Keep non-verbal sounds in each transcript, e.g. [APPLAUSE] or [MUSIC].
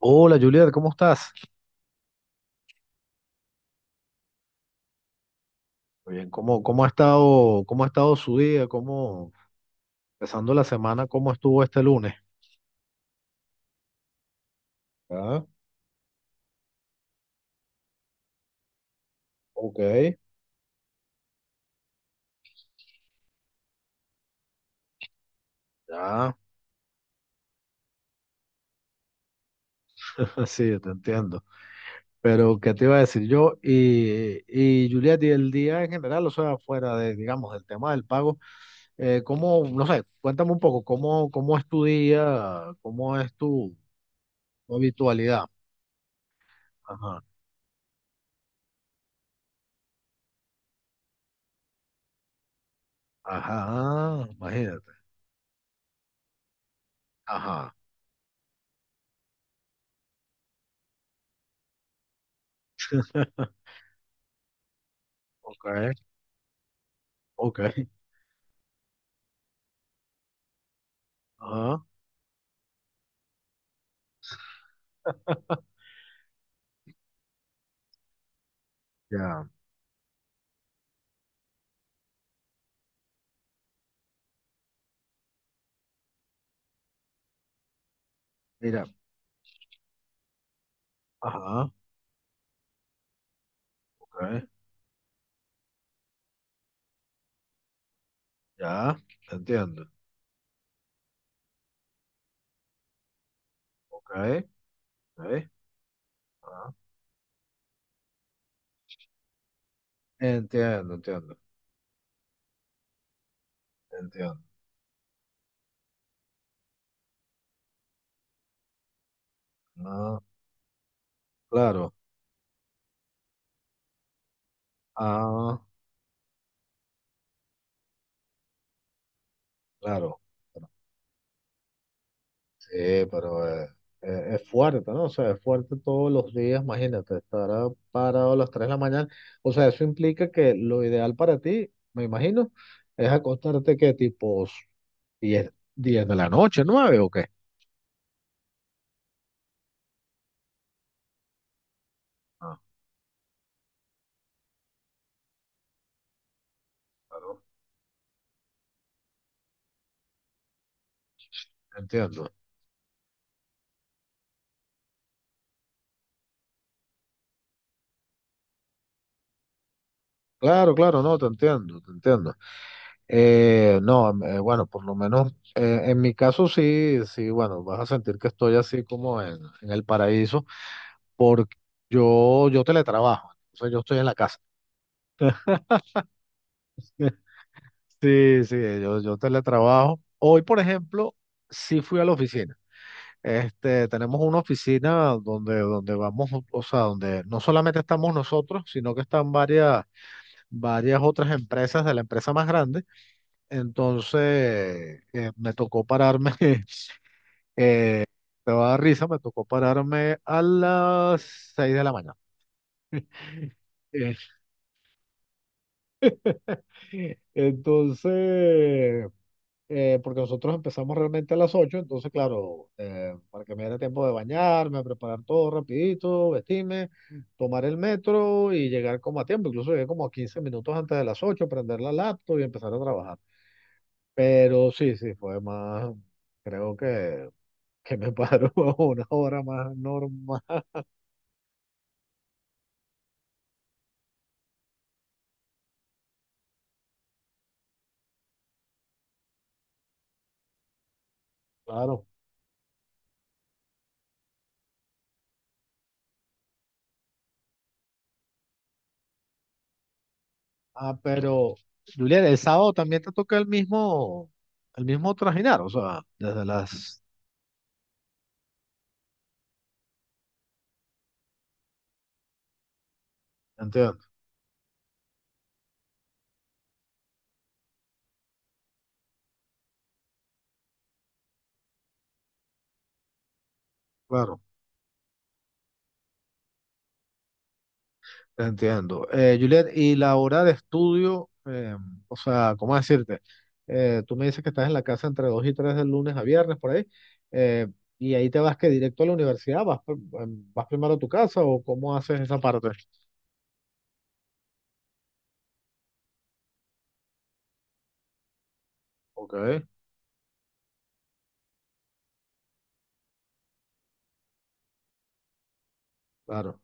Hola Juliet, ¿cómo estás? Muy bien. ¿Cómo ha estado, cómo ha estado su día? ¿Cómo, empezando la semana, cómo estuvo este lunes? Ah, ok, ya. [LAUGHS] Sí, te entiendo. Pero ¿qué te iba a decir yo? Y Juliet, y el día en general, o sea, fuera de, digamos, del tema del pago, ¿cómo, no sé? Cuéntame un poco. ¿Cómo, cómo es tu día? ¿Cómo es tu, tu habitualidad? Ajá, ajá, imagínate, ajá, [LAUGHS] ok, ok, ajá. [LAUGHS] Ya, mira, ajá, ok, ya, entiendo, ok, ok, ajá, entiendo, entiendo, entiendo, ah, claro, ah, claro, pero- sí, pero es fuerte, ¿no? O sea, es fuerte todos los días. Imagínate, estar ah, parado a las 3 de la mañana, o sea, eso implica que lo ideal para ti, me imagino, es acostarte que tipo 10, 10 de la noche, 9 o qué, ah, claro, entiendo, claro, claro, no, te entiendo, te entiendo. No, em, Bueno, por lo menos en mi caso sí, sí, bueno, vas a sentir que estoy así como en el paraíso, porque yo teletrabajo, entonces yo estoy en la casa. [LAUGHS] Sí, sí, yo teletrabajo. Hoy, por ejemplo, sí fui a la oficina. Este, tenemos una oficina donde, donde vamos, o sea, donde no solamente estamos nosotros, sino que están varias otras empresas de la empresa más grande. Entonces, me tocó pararme. [LAUGHS] Eh, Te va a dar risa, me tocó pararme a las 6 de la mañana. Eh, [LAUGHS] Entonces, porque nosotros empezamos realmente a las ocho, entonces, claro, para que me diera tiempo de bañarme, preparar todo rapidito, vestirme, tomar el metro y llegar como a tiempo. Incluso llegué como a 15 minutos antes de las 8, prender la laptop y empezar a trabajar. Pero sí, sí, fue más, creo que me paró [LAUGHS] una hora más normal, claro. Ah, pero, Julián, el sábado también te toca el mismo trajinar, o sea, desde las... Entiendo, claro, te entiendo. Julián, y la hora de estudio, o sea, ¿cómo decirte? Tú me dices que estás en la casa entre 2 y 3 del lunes a viernes, por ahí, eh, y ahí te vas que directo a la universidad, vas, vas primero a tu casa o cómo haces esa parte. Ok, claro,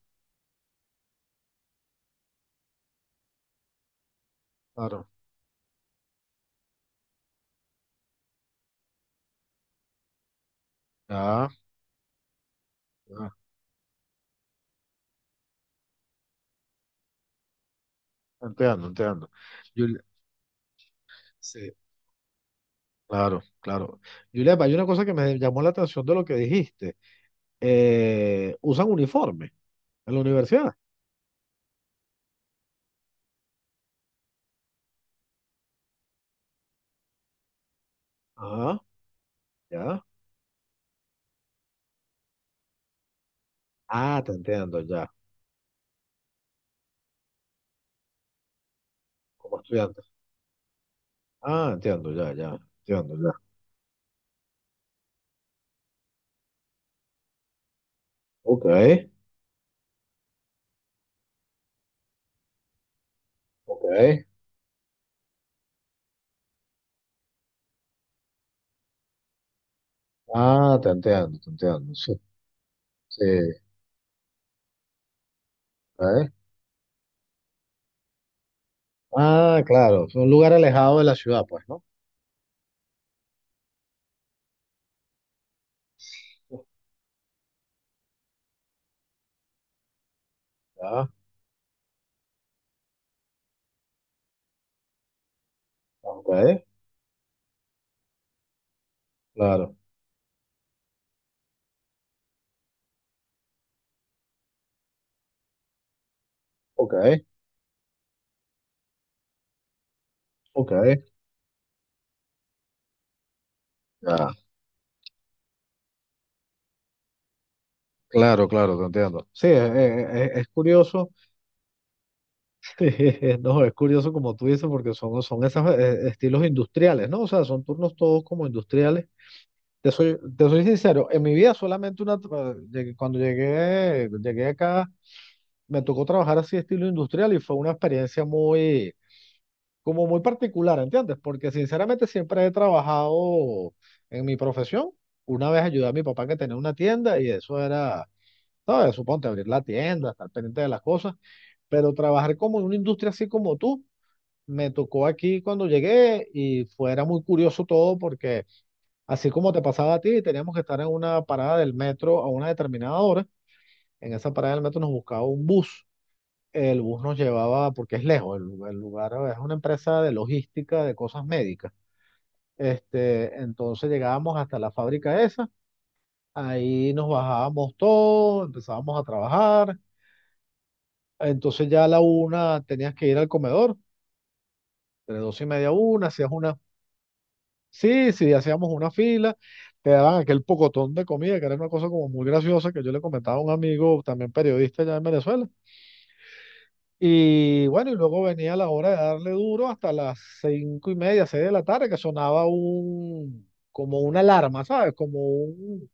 claro, ya, ya, entiendo, entiendo. Juli- Sí. Claro, claro. Julián, hay una cosa que me llamó la atención de lo que dijiste. Usan uniforme en la universidad. Ah, ya. Ah, te entiendo, ya. Como estudiante. Ah, entiendo, ya, ya. Entiendo, ya. Ok, ok. Ah, te entiendo, te entiendo. Sí, sí. Ok. Ah, claro. Es un lugar alejado de la ciudad, pues, ¿no? Ya. Ok, claro. Ok, ok. Ya. Claro, claro, te entiendo. Sí, es curioso. [LAUGHS] No, es curioso como tú dices, porque son, son esos estilos industriales, ¿no? O sea, son turnos todos como industriales. Te soy sincero, en mi vida solamente una, cuando llegué, llegué acá, me tocó trabajar así estilo industrial y fue una experiencia muy, como muy particular, ¿entiendes? Porque sinceramente siempre he trabajado en mi profesión. Una vez ayudé a mi papá que tenía una tienda y eso era, ¿sabes? Suponte abrir la tienda, estar pendiente de las cosas, pero trabajar como en una industria así como tú me tocó aquí cuando llegué y fuera muy curioso todo porque así como te pasaba a ti, teníamos que estar en una parada del metro a una determinada hora. En esa parada del metro nos buscaba un bus. El bus nos llevaba, porque es lejos, el lugar es una empresa de logística de cosas médicas. Este, entonces llegábamos hasta la fábrica esa, ahí nos bajábamos todos, empezábamos a trabajar. Entonces ya a la una tenías que ir al comedor, de dos y media a una, hacías unas. Sí, sí, hacíamos una fila, te daban aquel pocotón de comida, que era una cosa como muy graciosa que yo le comentaba a un amigo, también periodista allá en Venezuela. Y bueno, y luego venía la hora de darle duro hasta las cinco y media, seis de la tarde, que sonaba un, como una alarma, ¿sabes? Como un...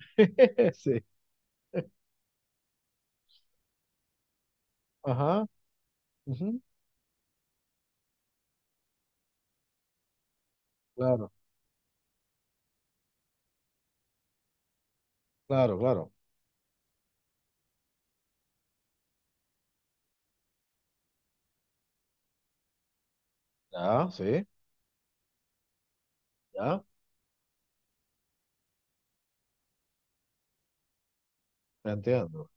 [LAUGHS] Sí, ajá, ujú, claro, claro, claro. Ya, sí, ya, me entiendo.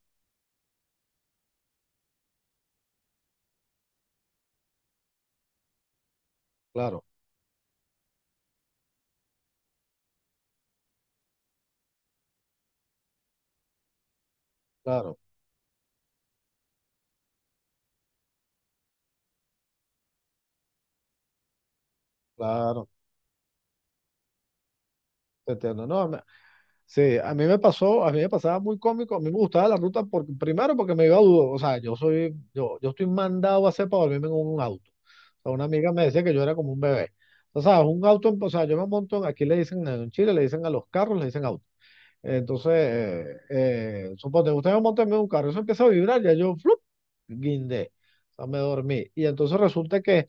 Claro, claro, claro, te entiendo. No, a sí, a mí me pasó, a mí me pasaba muy cómico, a mí me gustaba la ruta porque, primero porque me iba a dudo, o sea, yo estoy mandado a hacer para dormirme en un auto. O sea, una amiga me decía que yo era como un bebé. O sea, un auto, o sea, yo me monto, aquí le dicen, en Chile le dicen a los carros, le dicen auto. Entonces, suponte, usted me monta en un carro, eso empieza a vibrar, ya yo, flup, guindé, o sea, me dormí. Y entonces resulta que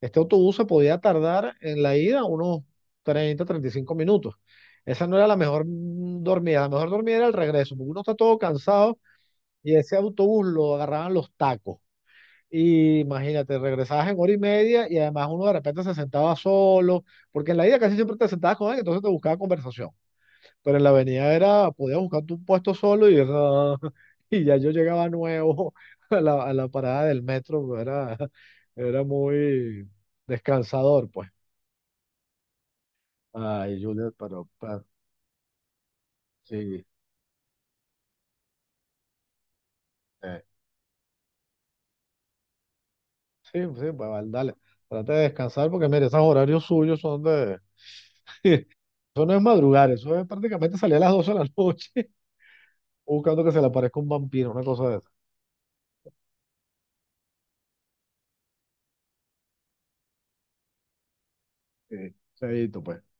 este autobús se podía tardar en la ida unos 30, 35 minutos. Esa no era la mejor dormida, la mejor dormida era el regreso, porque uno está todo cansado y ese autobús lo agarraban los tacos. Y imagínate, regresabas en hora y media y además uno de repente se sentaba solo, porque en la ida casi siempre te sentabas con alguien, entonces te buscaba conversación. Pero en la avenida era, podías buscarte un puesto solo y, ah, [LAUGHS] y ya yo llegaba nuevo [LAUGHS] a la parada del metro, era, era muy descansador, pues. Ay, Juliet, pero sí, eh, sí, sí, pues vale, dale. Trata de descansar porque, mire, esos horarios suyos son de... [LAUGHS] Eso no es madrugar, eso es prácticamente salir a las 12 de la noche [LAUGHS] buscando que se le aparezca un vampiro, una cosa de esa. Sí, chaito, pues.